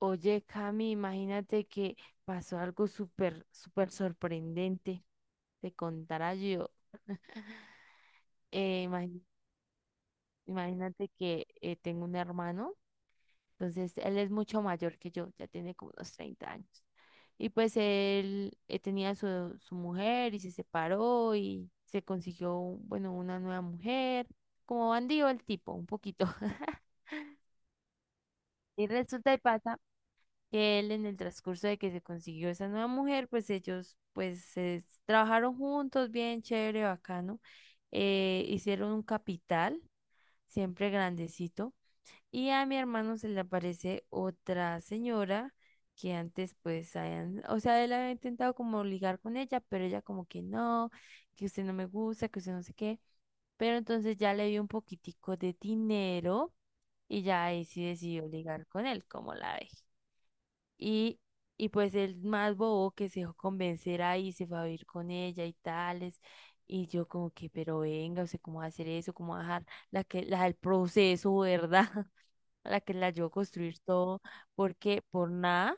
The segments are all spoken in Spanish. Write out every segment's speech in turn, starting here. Oye, Cami, imagínate que pasó algo súper, súper sorprendente. Te contará yo. Eh, imagi- Imagínate que tengo un hermano, entonces él es mucho mayor que yo, ya tiene como unos 30 años. Y pues él tenía su mujer y se separó y se consiguió, bueno, una nueva mujer. Como bandido el tipo, un poquito. Y resulta y pasa que él en el transcurso de que se consiguió esa nueva mujer, pues ellos pues se trabajaron juntos, bien chévere, bacano, hicieron un capital, siempre grandecito, y a mi hermano se le aparece otra señora que antes pues habían, o sea, él había intentado como ligar con ella, pero ella como que no, que usted no me gusta, que usted no sé qué, pero entonces ya le dio un poquitico de dinero y ya ahí sí decidió ligar con él, como la ve. Y, y pues el más bobo que se dejó convencer ahí, se fue a vivir con ella y tales. Y yo como que, pero venga, o sea, ¿cómo va a hacer eso? ¿Cómo va a dejar la del proceso, ¿verdad? A la que la ayudó a construir todo, porque por nada.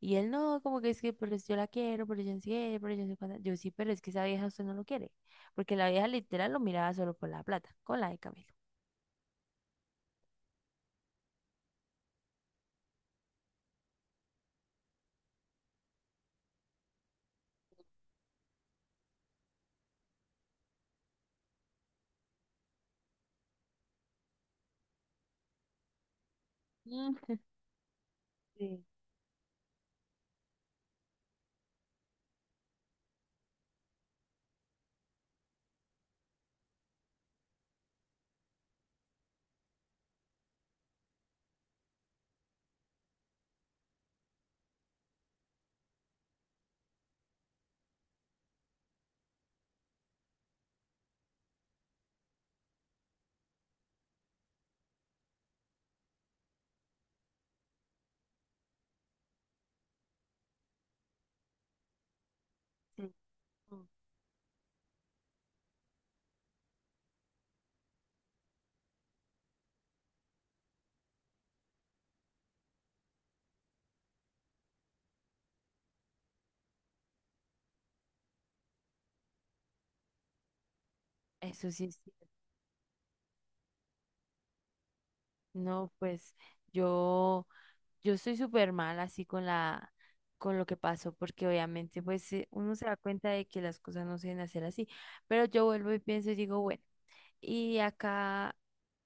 Y él no, como que es que, pero yo la quiero, pero yo no sé qué, pero yo no sé cuánta. Yo sí, pero es que esa vieja usted no lo quiere. Porque la vieja literal lo miraba solo por la plata, con la de Camilo. Mm. Sí, sí. Mm. Eso sí es cierto. No, pues yo. Yo estoy súper mal así con con lo que pasó, porque obviamente pues uno se da cuenta de que las cosas no se deben hacer así, pero yo vuelvo y pienso y digo, bueno. Y acá,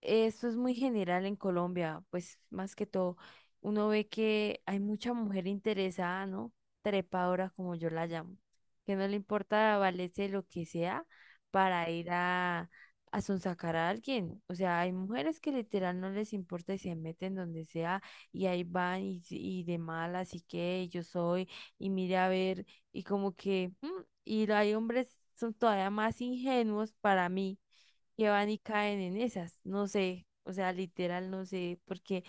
esto es muy general en Colombia, pues más que todo, uno ve que hay mucha mujer interesada, ¿no? Trepadora, como yo la llamo, que no le importa valerse lo que sea para ir a sonsacar a alguien. O sea, hay mujeres que literal no les importa y se meten donde sea y ahí van y, s- y de mal, así que yo soy, y mire a ver, y como que, y hay hombres son todavía más ingenuos para mí que van y caen en esas, no sé, o sea, literal no sé, porque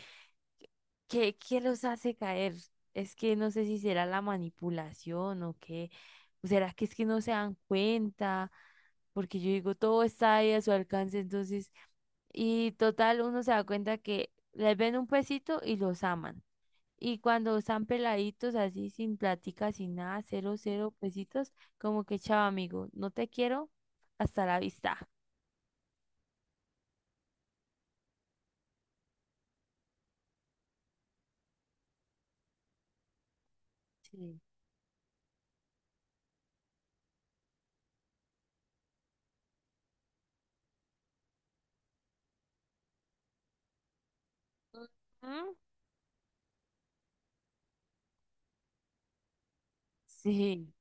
¿qué, qué los hace caer? Es que no sé si será la manipulación o qué, o será que es que no se dan cuenta, porque yo digo, todo está ahí a su alcance, entonces, y total, uno se da cuenta que les ven un pesito y los aman. Y cuando están peladitos así, sin plática, sin nada, cero, cero pesitos, como que chao amigo, no te quiero, hasta la vista. Sí. Ujú. Sí,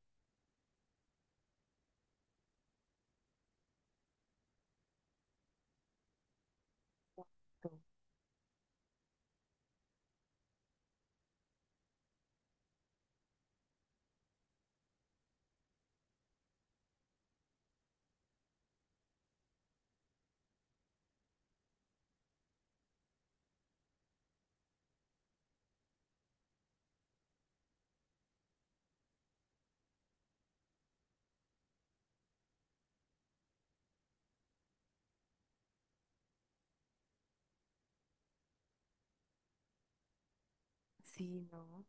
exacto. Sí, no.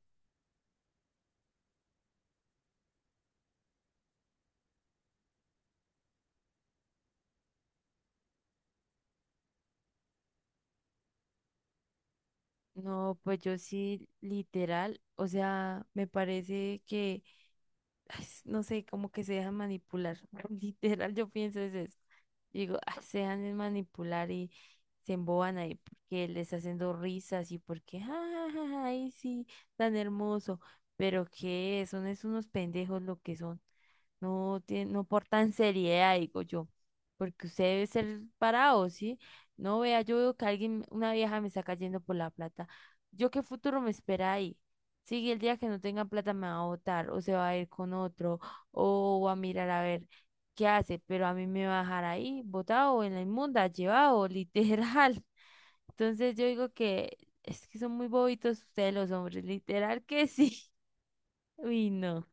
No, pues yo sí, literal, o sea, me parece que, ay, no sé, como que se dejan manipular. Literal, yo pienso es eso. Digo, "Ah, se dejan de manipular y se emboban ahí porque les haciendo risas y porque, ja, ja, ja, ja, ay, sí, tan hermoso. Pero que son es unos pendejos lo que son. No, tie- no portan seriedad, digo yo, porque usted debe ser parado, ¿sí? No vea, yo veo que alguien, una vieja me está cayendo por la plata. ¿Yo qué futuro me espera ahí? Sí, el día que no tenga plata me va a botar, o se va a ir con otro, o va a mirar a ver qué hace, pero a mí me va a dejar ahí, botado, en la inmunda, llevado, literal. Entonces yo digo que es que son muy bobitos ustedes los hombres, literal que sí. Uy, no.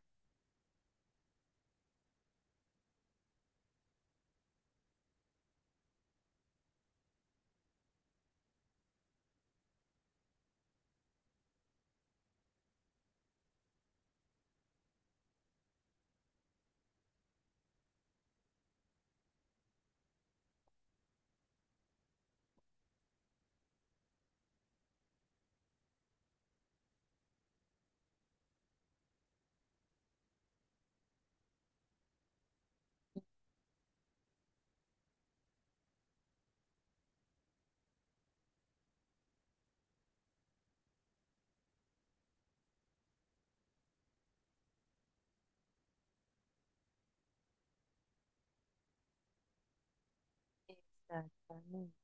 Exactamente.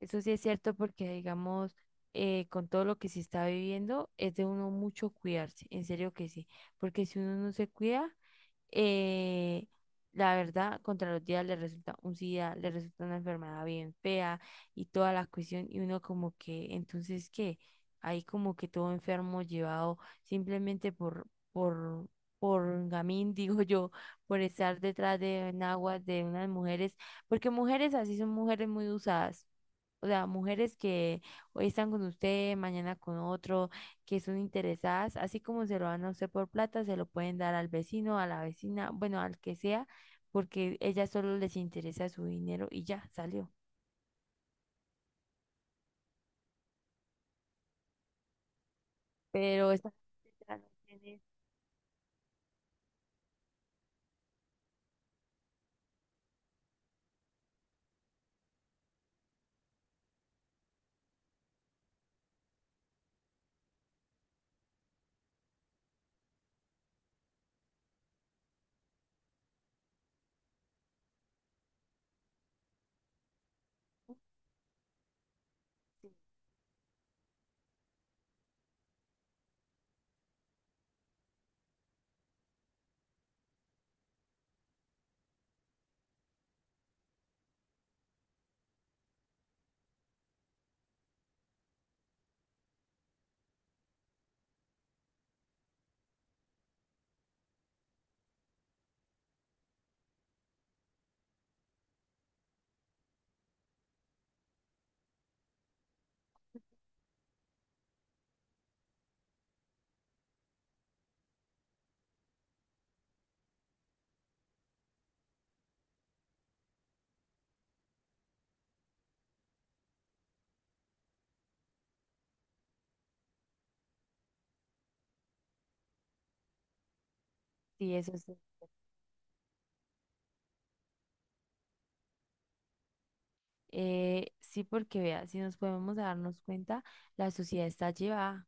Eso sí es cierto porque, digamos, con todo lo que se está viviendo, es de uno mucho cuidarse, en serio que sí, porque si uno no se cuida, eh, la verdad, contra los días le resulta un SIDA, le resulta una enfermedad bien fea y toda la cuestión, y uno como que, entonces, ¿qué? Ahí como que todo enfermo llevado simplemente por, por gamín, digo yo, por estar detrás de enaguas de unas mujeres, porque mujeres así son mujeres muy usadas. O sea, mujeres que hoy están con usted, mañana con otro, que son interesadas, así como se lo dan a usted por plata, se lo pueden dar al vecino, a la vecina, bueno, al que sea, porque ella solo les interesa su dinero y ya salió. Pero esta gente ya no tiene, sí, eso sí. Sí, porque vea, si nos podemos darnos cuenta, la sociedad está llevada,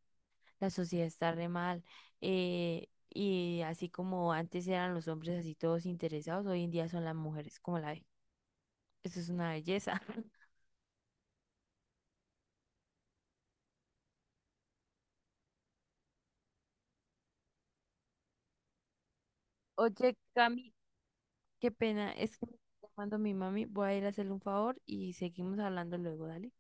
la sociedad está re mal. eh, y así como antes eran los hombres así todos interesados, hoy en día son las mujeres, como la ve. Eso es una belleza. Oye, Cami, qué pena, es que me está llamando mi mami. Voy a ir a hacerle un favor y seguimos hablando luego, dale.